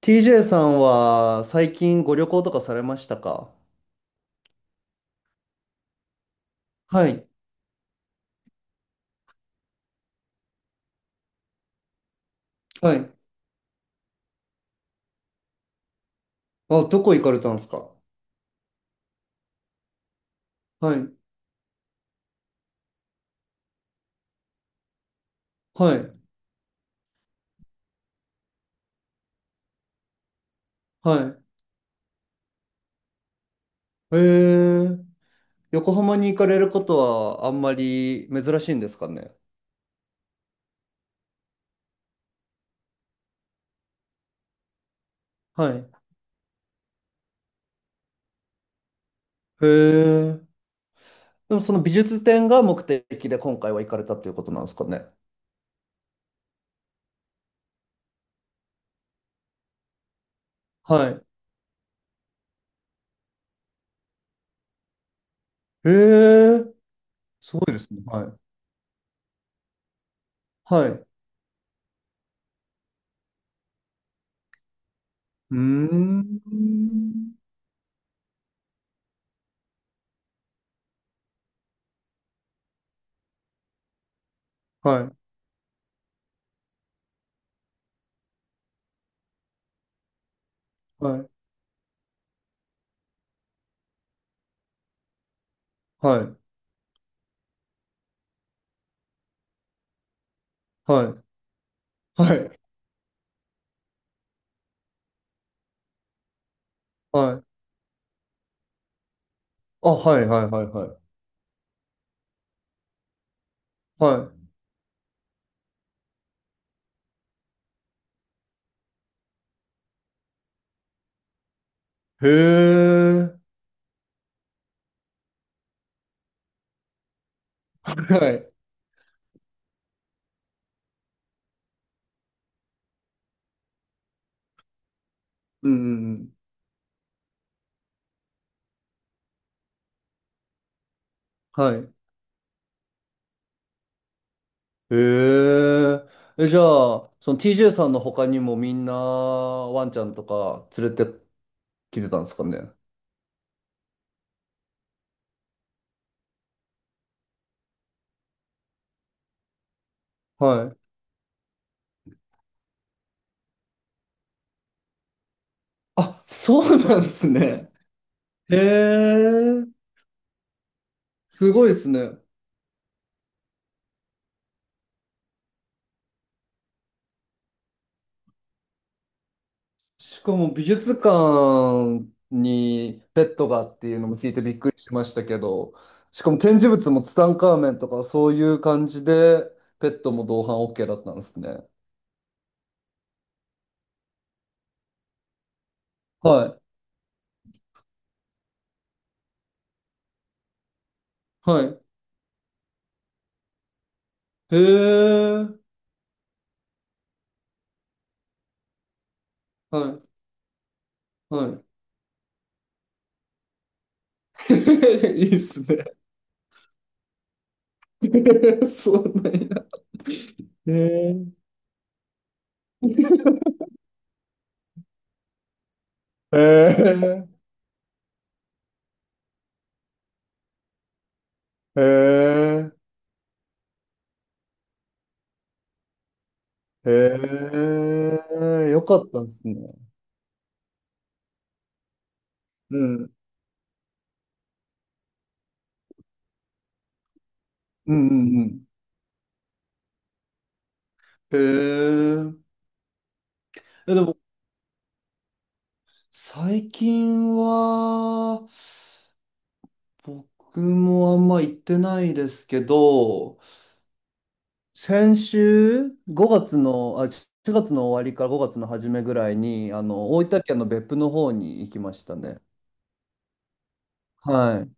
TJ さんは最近ご旅行とかされましたか？はい。はい。あ、どこ行かれたんですか？はい。はい。はい。ー、横浜に行かれることはあんまり珍しいんですかね？はい。へえー、でもその美術展が目的で今回は行かれたということなんですかね？はい。へえー、すごいですね。はい。はい。うーん。はい。はい。はい。はい。はい。はい。あ、はい。はい。はい。はいはい。へえ。はい。うんうんうん。はい。へえ。え、じゃあ、その TJ さんの他にもみんなワンちゃんとか連れてきてたんですかね。はい。あ、そうなんですね。へえ。すごいですね。しかも美術館にペットがっていうのも聞いてびっくりしましたけど、しかも展示物もツタンカーメンとかそういう感じでペットも同伴 OK だったんですね。はいはい。へえ。はい。はい。いいっすね。そうなんや。へえ。へえ。へえ。へえ。よかったですね。うん。うんうんうん。へえ。え、でも、最近は、僕もあんま行ってないですけど、先週、5月の、あ、4月の終わりから5月の初めぐらいに、大分県の別府の方に行きましたね。はい。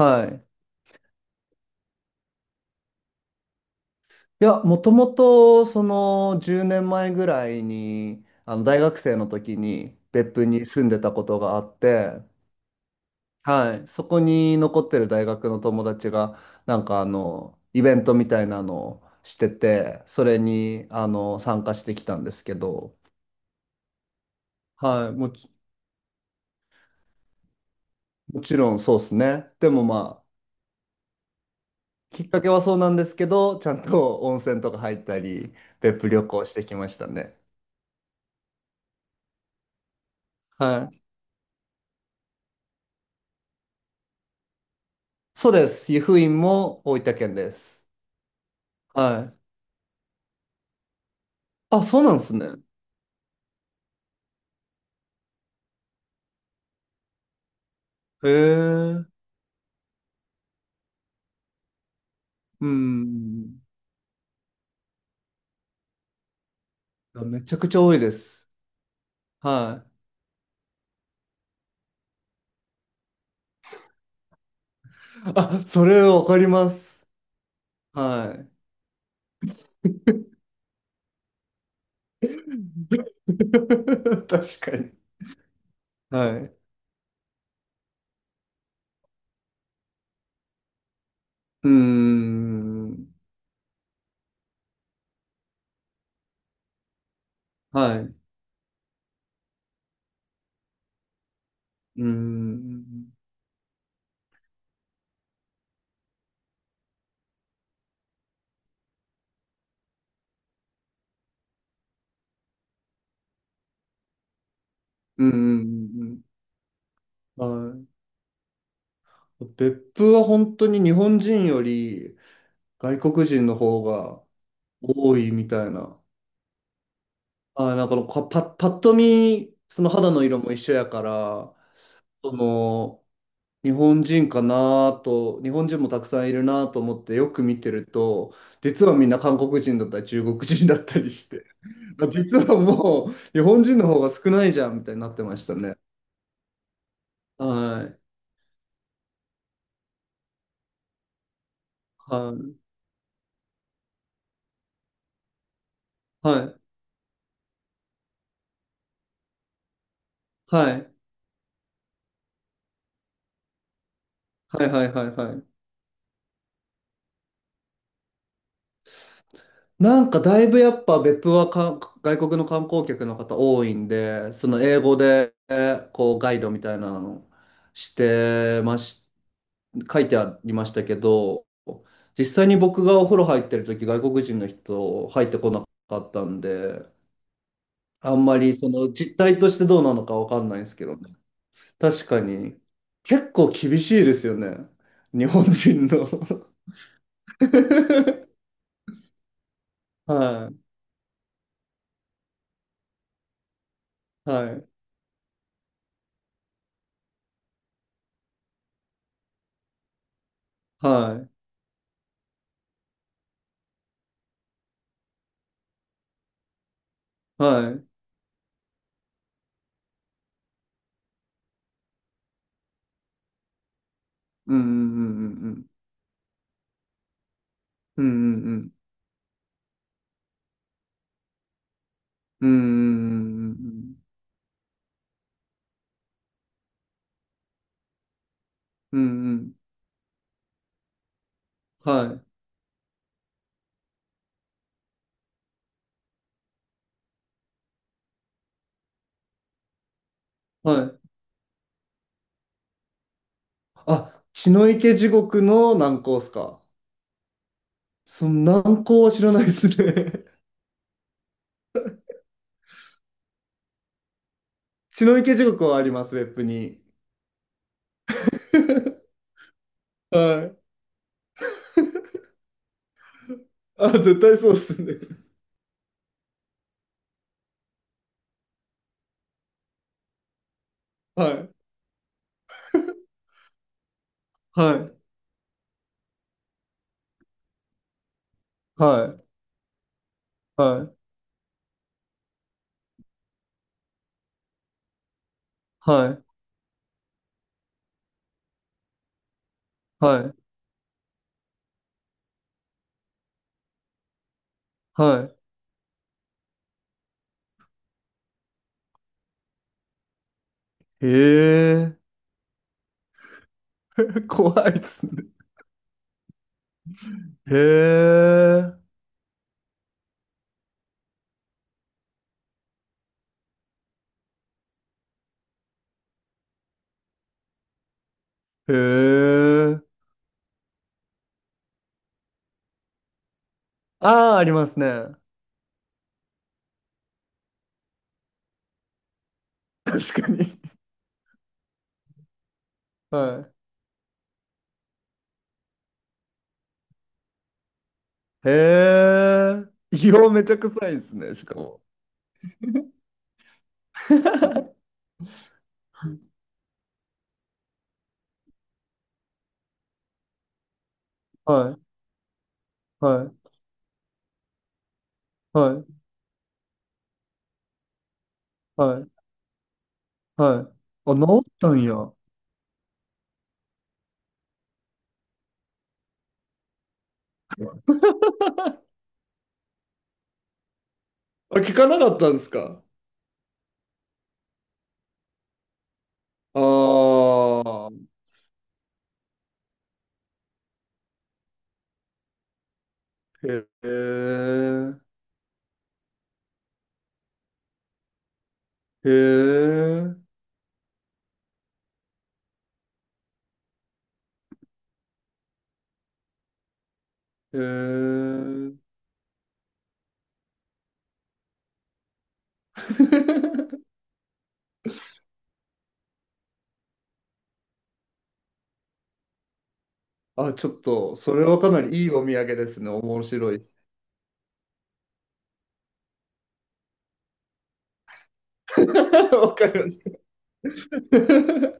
はい。いや、もともと、10年前ぐらいに、大学生の時に別府に住んでたことがあって、はい。そこに残ってる大学の友達が、なんか、イベントみたいなのをしてて、それに、参加してきたんですけど、はい。もうもちろんそうですね。でもまあ、きっかけはそうなんですけど、ちゃんと温泉とか入ったり、別府旅行してきましたね。はい。そうです。湯布院も大分県です。はい。あ、そうなんですね。へえ。うん。いやめちゃくちゃ多いです。はい。あ、それわかります。はい。確かに。はい。うーん。はい。うーん。うーん。はい。別府は本当に日本人より外国人の方が多いみたいな。あ、なんかのかパ、パッと見、その肌の色も一緒やから、その、日本人かなと、日本人もたくさんいるなと思ってよく見てると、実はみんな韓国人だったり中国人だったりして、まあ実はもう日本人の方が少ないじゃんみたいになってましたね。はい。はい。はい。はい。はい。はい。はい。はい。なんかだいぶやっぱ別府は外国の観光客の方多いんで、その英語でこうガイドみたいなのしてまし、書いてありましたけど、実際に僕がお風呂入ってる時外国人の人入ってこなかったんで、あんまりその実態としてどうなのかわかんないんですけどね。確かに結構厳しいですよね。日本人の はい、はい、はい、はい。うんうんうんうんうんうんうんうんうんうんうんうん。はいはい。あ、血の池地獄の難航っすか？その難航は知らないですね。 血の池地獄はありますウェブに。 はい。あ、絶対そうっすね。はい。はい。はい。はい。はい。はい。はい。へえ。怖いっすね。へえ。へえ。ああー、ありますね。確かに。はい。へえ。硫黄めちゃ臭いですね、しかも。はい、はい、はい、はい、はい。あ、治ったんや。あ、聞かなかったんですか？ああー。へえ。へえ。へえ。あ、ちょっと、それはかなりいいお土産ですね。面白いし。わかりました。